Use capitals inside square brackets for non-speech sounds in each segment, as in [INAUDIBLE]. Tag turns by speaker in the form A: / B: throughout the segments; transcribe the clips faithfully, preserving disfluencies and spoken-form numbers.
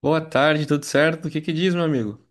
A: Boa tarde, tudo certo? O que que diz, meu amigo?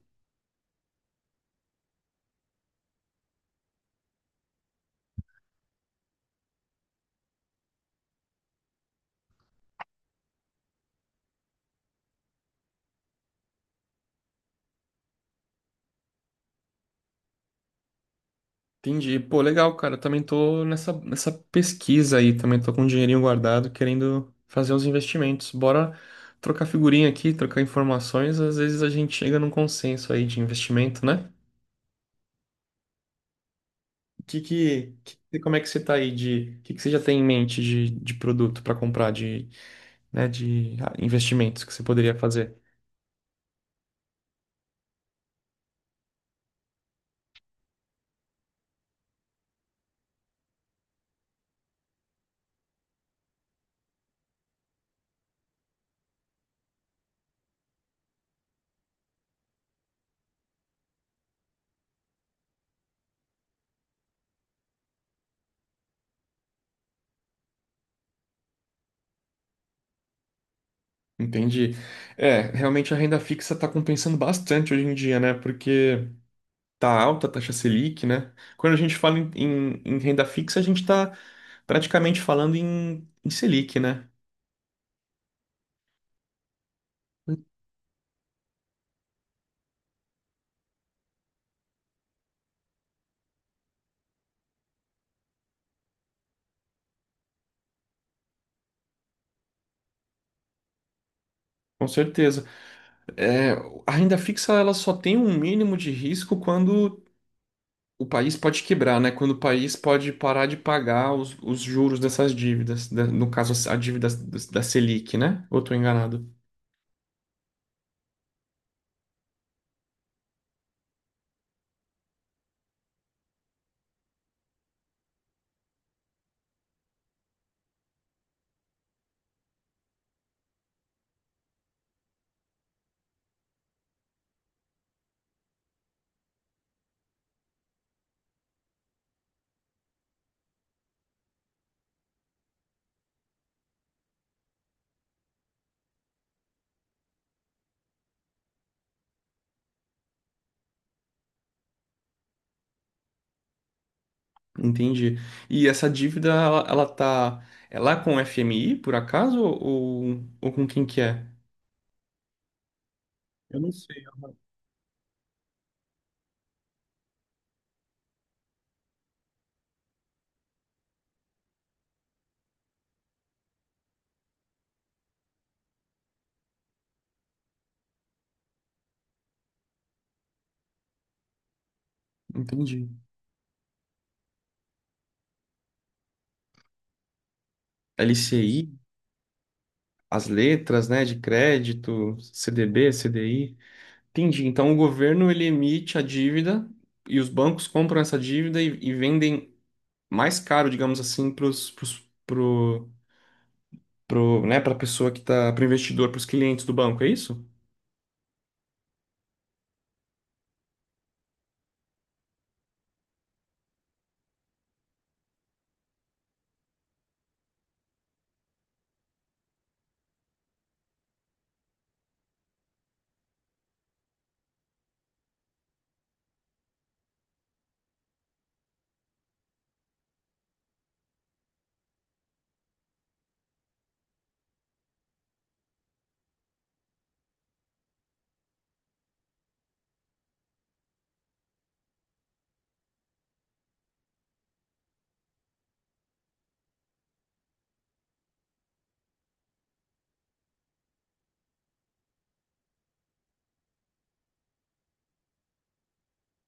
A: Entendi. Pô, legal, cara. Eu também tô nessa, nessa pesquisa aí, também tô com um dinheirinho guardado, querendo fazer uns investimentos. Bora trocar figurinha aqui, trocar informações, às vezes a gente chega num consenso aí de investimento, né? Que que, que- Como é que você tá aí de, o que que você já tem em mente de, de produto para comprar, de, né, de ah, investimentos que você poderia fazer? Entendi. É, realmente a renda fixa tá compensando bastante hoje em dia, né? Porque tá alta a taxa Selic, né? Quando a gente fala em, em- em renda fixa, a gente está praticamente falando em, em Selic, né? Com certeza. A renda fixa ela só tem um mínimo de risco quando o país pode quebrar, né? Quando o país pode parar de pagar os, os juros dessas dívidas, da- no caso a dívida da da Selic, né? Ou tô enganado? Entendi. E essa dívida ela, ela tá, é lá com o F M I, por acaso, ou, ou com quem que é? Eu não sei. Entendi. L C I? As letras, né, de crédito, C D B, C D I. Entendi. Então o governo ele emite a dívida e os bancos compram essa dívida e, e vendem mais caro, digamos assim, para os pro, pro, né, para a pessoa que tá, para o investidor, para os clientes do banco, é isso?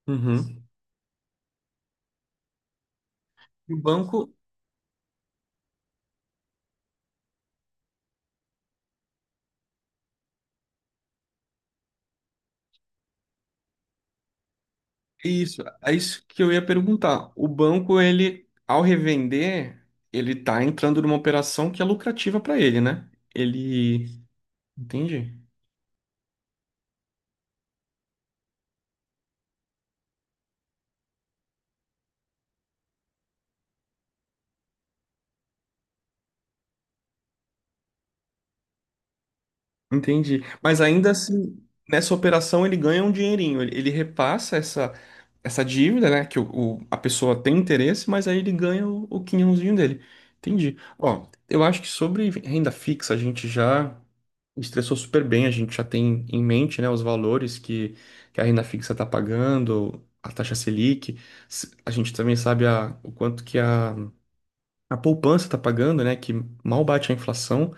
A: Uhum. E o banco, isso, é isso que eu ia perguntar. O banco, ele, ao revender, ele tá entrando numa operação que é lucrativa para ele, né? Ele, entendi. Entendi. Mas ainda assim, nessa operação ele ganha um dinheirinho. Ele, ele repassa essa, essa dívida, né? Que o, o- a pessoa tem interesse, mas aí ele ganha o, o quinhãozinho dele. Entendi. Ó, eu acho que sobre renda fixa a gente já estressou super bem. A gente já tem em mente, né, os valores que, que a renda fixa está pagando, a taxa Selic. S- A gente também sabe a, o quanto que a, a poupança está pagando, né? Que mal bate a inflação.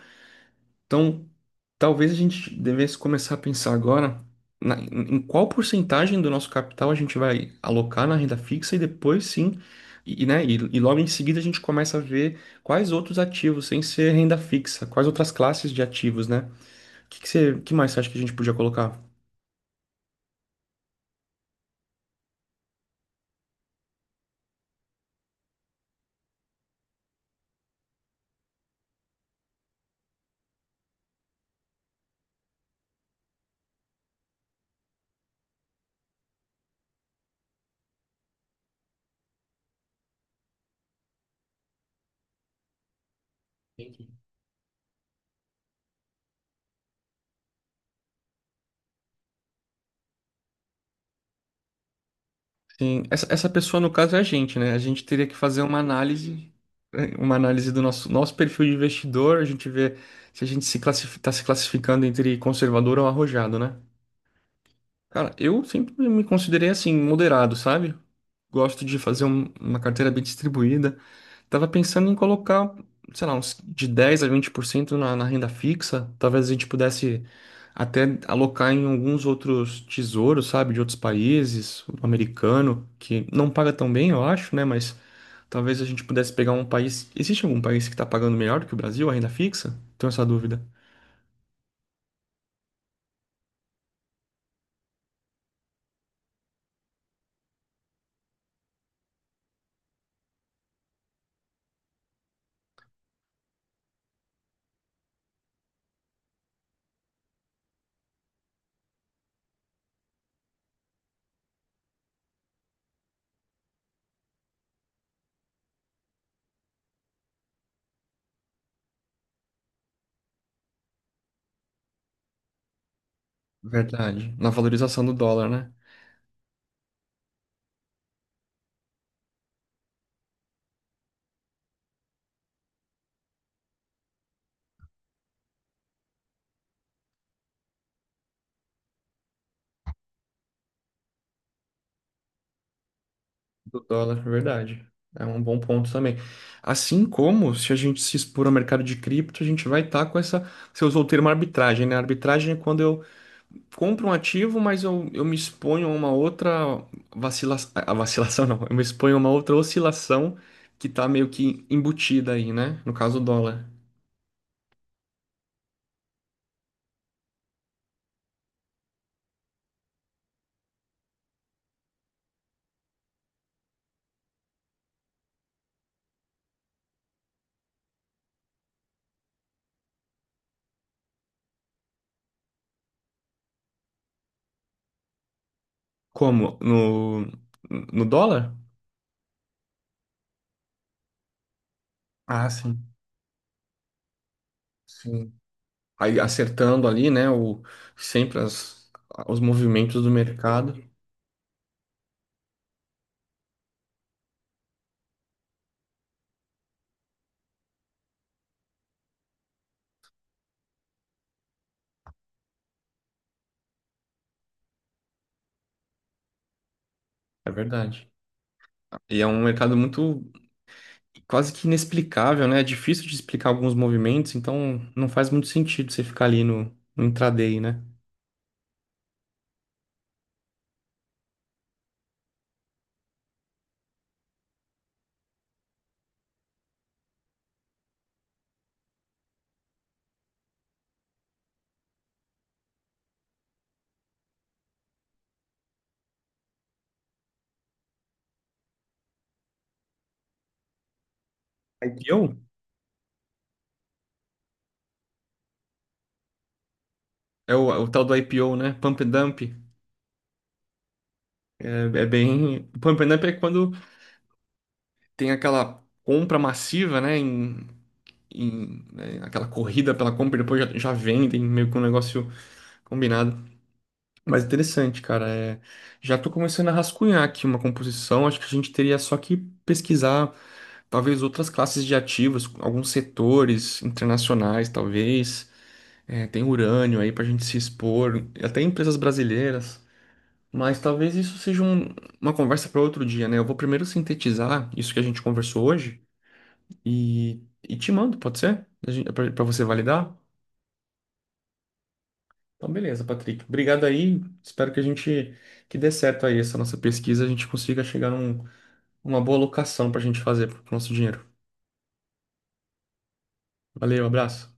A: Então, talvez a gente devesse começar a pensar agora na- em qual porcentagem do nosso capital a gente vai alocar na renda fixa, e depois sim, e, e, né, e, e logo em seguida a gente começa a ver quais outros ativos, sem ser renda fixa, quais outras classes de ativos, né? O que, que você- Que mais você acha que a gente podia colocar? Sim, essa, essa pessoa no caso é a gente, né? A gente teria que fazer uma análise, eh, uma análise do nosso, nosso perfil de investidor, a gente vê se a gente se está se classificando entre conservador ou arrojado, né? Cara, eu sempre me considerei assim, moderado, sabe? Gosto de fazer um- uma carteira bem distribuída. Tava pensando em colocar, sei lá, uns de dez a vinte por cento na, na renda fixa. Talvez a gente pudesse até alocar em alguns outros tesouros, sabe? De outros países, o americano, que não paga tão bem, eu acho, né? Mas talvez a gente pudesse pegar um país. Existe algum país que tá pagando melhor do que o Brasil, a renda fixa? Tenho essa dúvida. Verdade. Na valorização do dólar, né? Do dólar, é verdade. É um bom ponto também. Assim como se a gente se expor ao mercado de cripto, a gente vai estar com essa. Você usou o termo arbitragem, né? Arbitragem é quando eu compro um ativo, mas eu, eu me exponho a uma outra vacilação. A vacilação [LAUGHS] não, eu me exponho a uma outra oscilação que está meio que embutida aí, né? No caso, do dólar. Como? No, no dólar? Ah, sim, sim. Aí acertando ali, né? O, sempre as, os movimentos do mercado. É verdade. E é um mercado muito quase que inexplicável, né? É difícil de explicar alguns movimentos, então não faz muito sentido você ficar ali no, no intraday, né? I P O? É o, o tal do I P O, né? Pump and dump. É, é bem. Pump and dump é quando tem aquela compra massiva, né? Em, em- né, aquela corrida pela compra e depois já, já vendem, meio que um negócio combinado. Mas interessante, cara. É, já tô começando a rascunhar aqui uma composição. Acho que a gente teria só que pesquisar, talvez outras classes de ativos, alguns setores internacionais, talvez. É, tem urânio aí para a gente se expor, até empresas brasileiras. Mas talvez isso seja um- uma conversa para outro dia, né? Eu vou primeiro sintetizar isso que a gente conversou hoje e, e te mando, pode ser? Para você validar? Então, beleza, Patrick. Obrigado aí. Espero que a gente que dê certo aí essa nossa pesquisa, a gente consiga chegar num, uma boa locação para a gente fazer pro nosso dinheiro. Valeu, abraço.